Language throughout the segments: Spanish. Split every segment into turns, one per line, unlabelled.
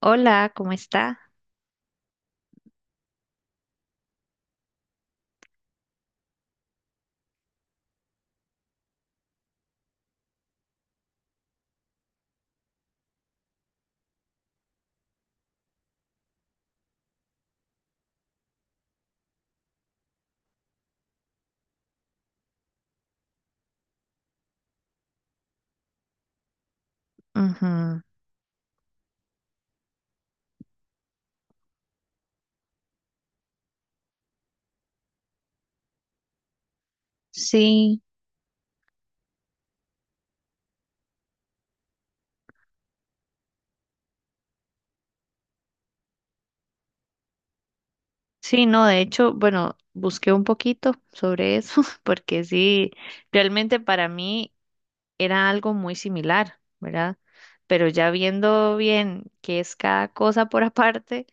Hola, ¿cómo está? Ujú. Sí, sí, no, de hecho, bueno, busqué un poquito sobre eso, porque sí, realmente para mí era algo muy similar, ¿verdad? Pero ya viendo bien qué es cada cosa por aparte,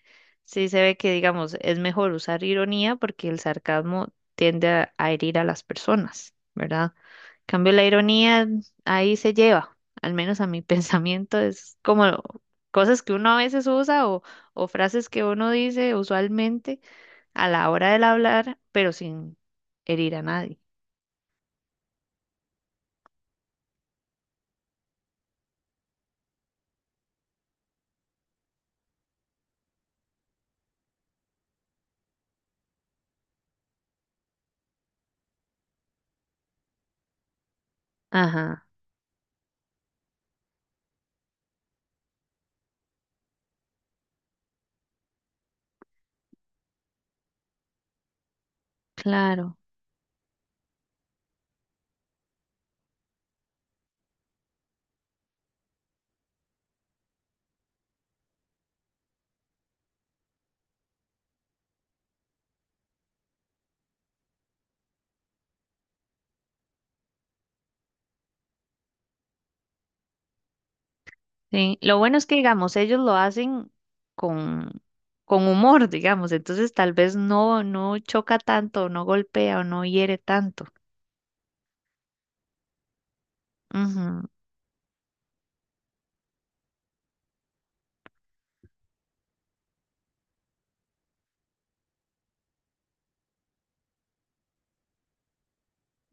sí se ve que, digamos, es mejor usar ironía porque el sarcasmo tiende a herir a las personas, ¿verdad? En cambio, la ironía ahí se lleva, al menos a mi pensamiento, es como cosas que uno a veces usa o frases que uno dice usualmente a la hora del hablar, pero sin herir a nadie. Ajá, claro. Sí, lo bueno es que, digamos, ellos lo hacen con, con humor, digamos, entonces tal vez no, no choca tanto, no golpea o no hiere tanto. Ujú,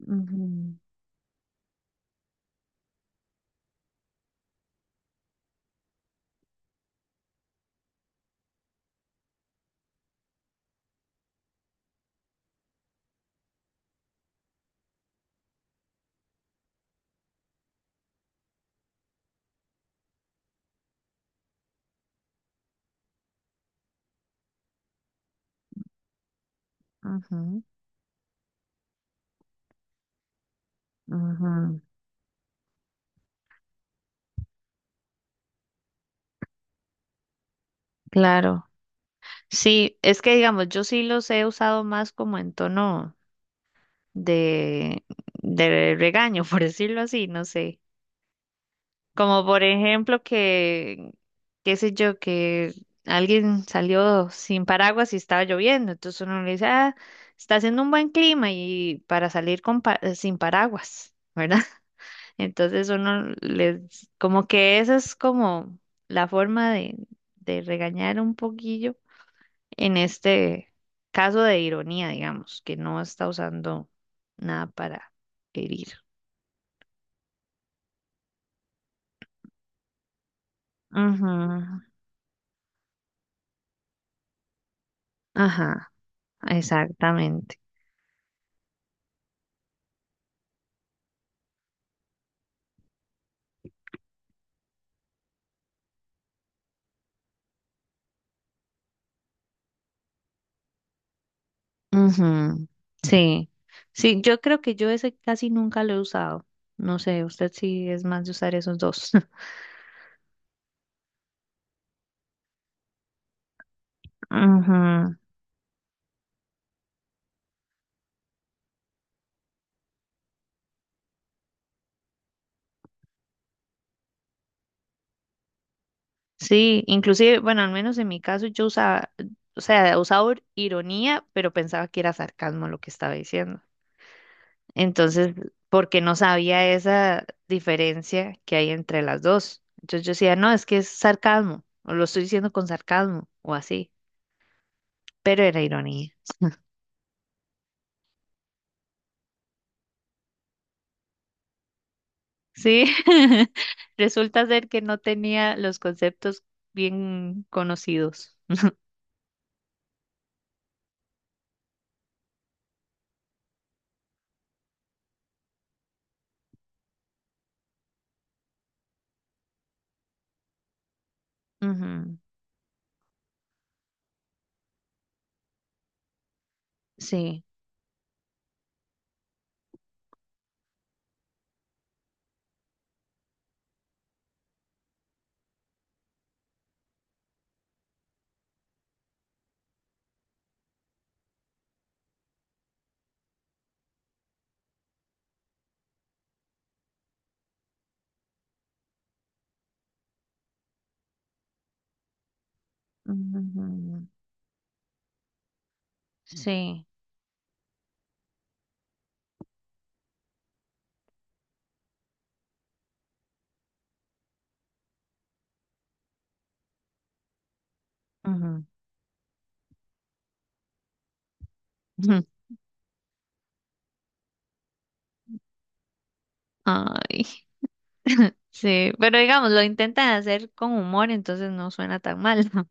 ujú, ujú, ujú. Claro. Sí, es que, digamos, yo sí los he usado más como en tono de, de regaño, por decirlo así, no sé. Como por ejemplo que, qué sé yo, que alguien salió sin paraguas y estaba lloviendo, entonces uno le dice, ah, está haciendo un buen clima y para salir con sin paraguas, ¿verdad? Entonces uno les, como que esa es como la forma de regañar un poquillo en este caso de ironía, digamos, que no está usando nada para herir. Ujú, ajá, exactamente. Ujú, sí, sí, yo creo que yo ese casi nunca lo he usado. No sé, usted sí es más de usar esos dos. Ujú, sí, inclusive, bueno, al menos en mi caso yo usaba, o sea, usaba ironía, pero pensaba que era sarcasmo lo que estaba diciendo. Entonces, porque no sabía esa diferencia que hay entre las dos. Entonces yo decía, no, es que es sarcasmo, o lo estoy diciendo con sarcasmo, o así, pero era ironía. Sí, resulta ser que no tenía los conceptos bien conocidos. Ujú, sí. Ujú, sí. Ujú, ujú. Ay, sí, pero digamos, lo intentan hacer con humor, entonces no suena tan mal.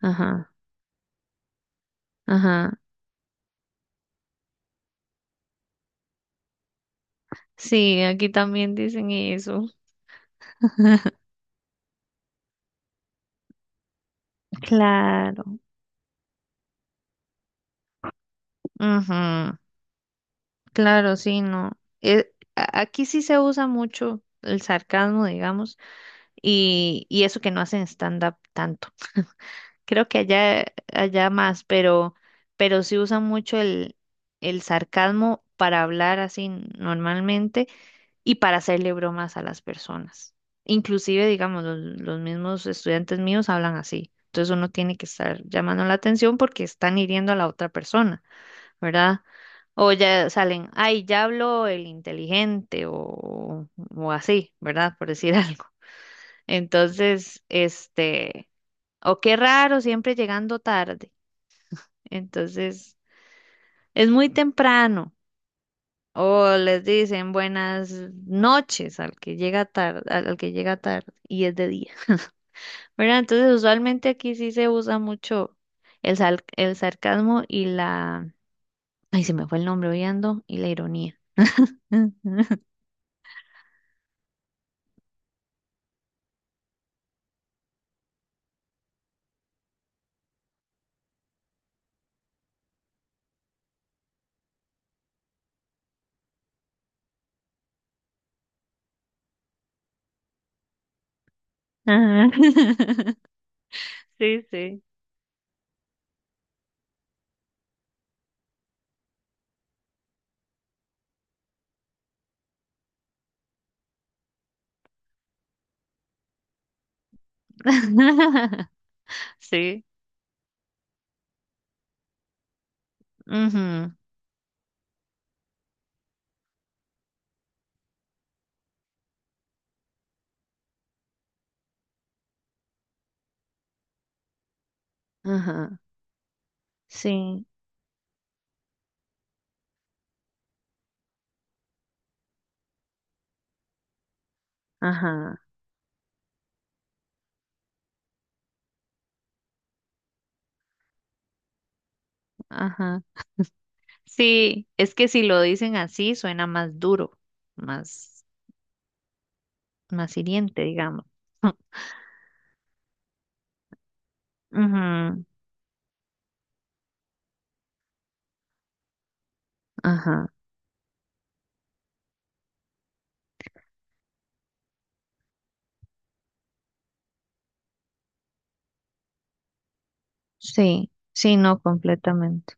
Ajá, ajá. Sí, aquí también dicen eso. Claro. Ujú, claro, sí, no. A- aquí sí se usa mucho el sarcasmo, digamos. Y, y eso que no hacen stand-up tanto. Creo que allá, allá más, pero sí usan mucho el sarcasmo para hablar así normalmente y para hacerle bromas a las personas. Inclusive, digamos, los mismos estudiantes míos hablan así. Entonces uno tiene que estar llamando la atención porque están hiriendo a la otra persona, ¿verdad? O ya salen, ay, ya habló el inteligente o así, ¿verdad? Por decir algo. Entonces, este, o qué raro, siempre llegando tarde. Entonces, es muy temprano. O les dicen buenas noches al que llega tarde, al que llega tarde y es de día. ¿Verdad? Entonces, usualmente aquí sí se usa mucho el sarcasmo y la, ay, se me fue el nombre, hoy ando, y la ironía. Ajá. Sí, sí. Sí. Ujú. Ajá. Sí. Ajá. Ajá. Sí, es que si lo dicen así suena más duro, más, más hiriente, digamos. Ujú, ajá. Sí, sí, no, completamente.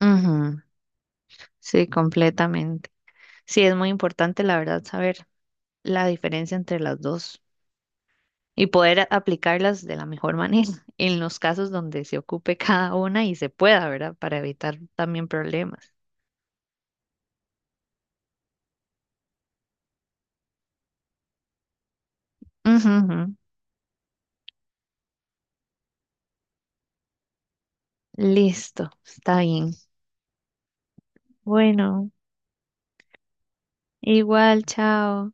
Ujú, ujú, sí, completamente. Sí, es muy importante, la verdad, saber la diferencia entre las dos y poder aplicarlas de la mejor manera en los casos donde se ocupe cada una y se pueda, ¿verdad? Para evitar también problemas. Ujú, ujú. Listo, está bien. Bueno. Igual, chao.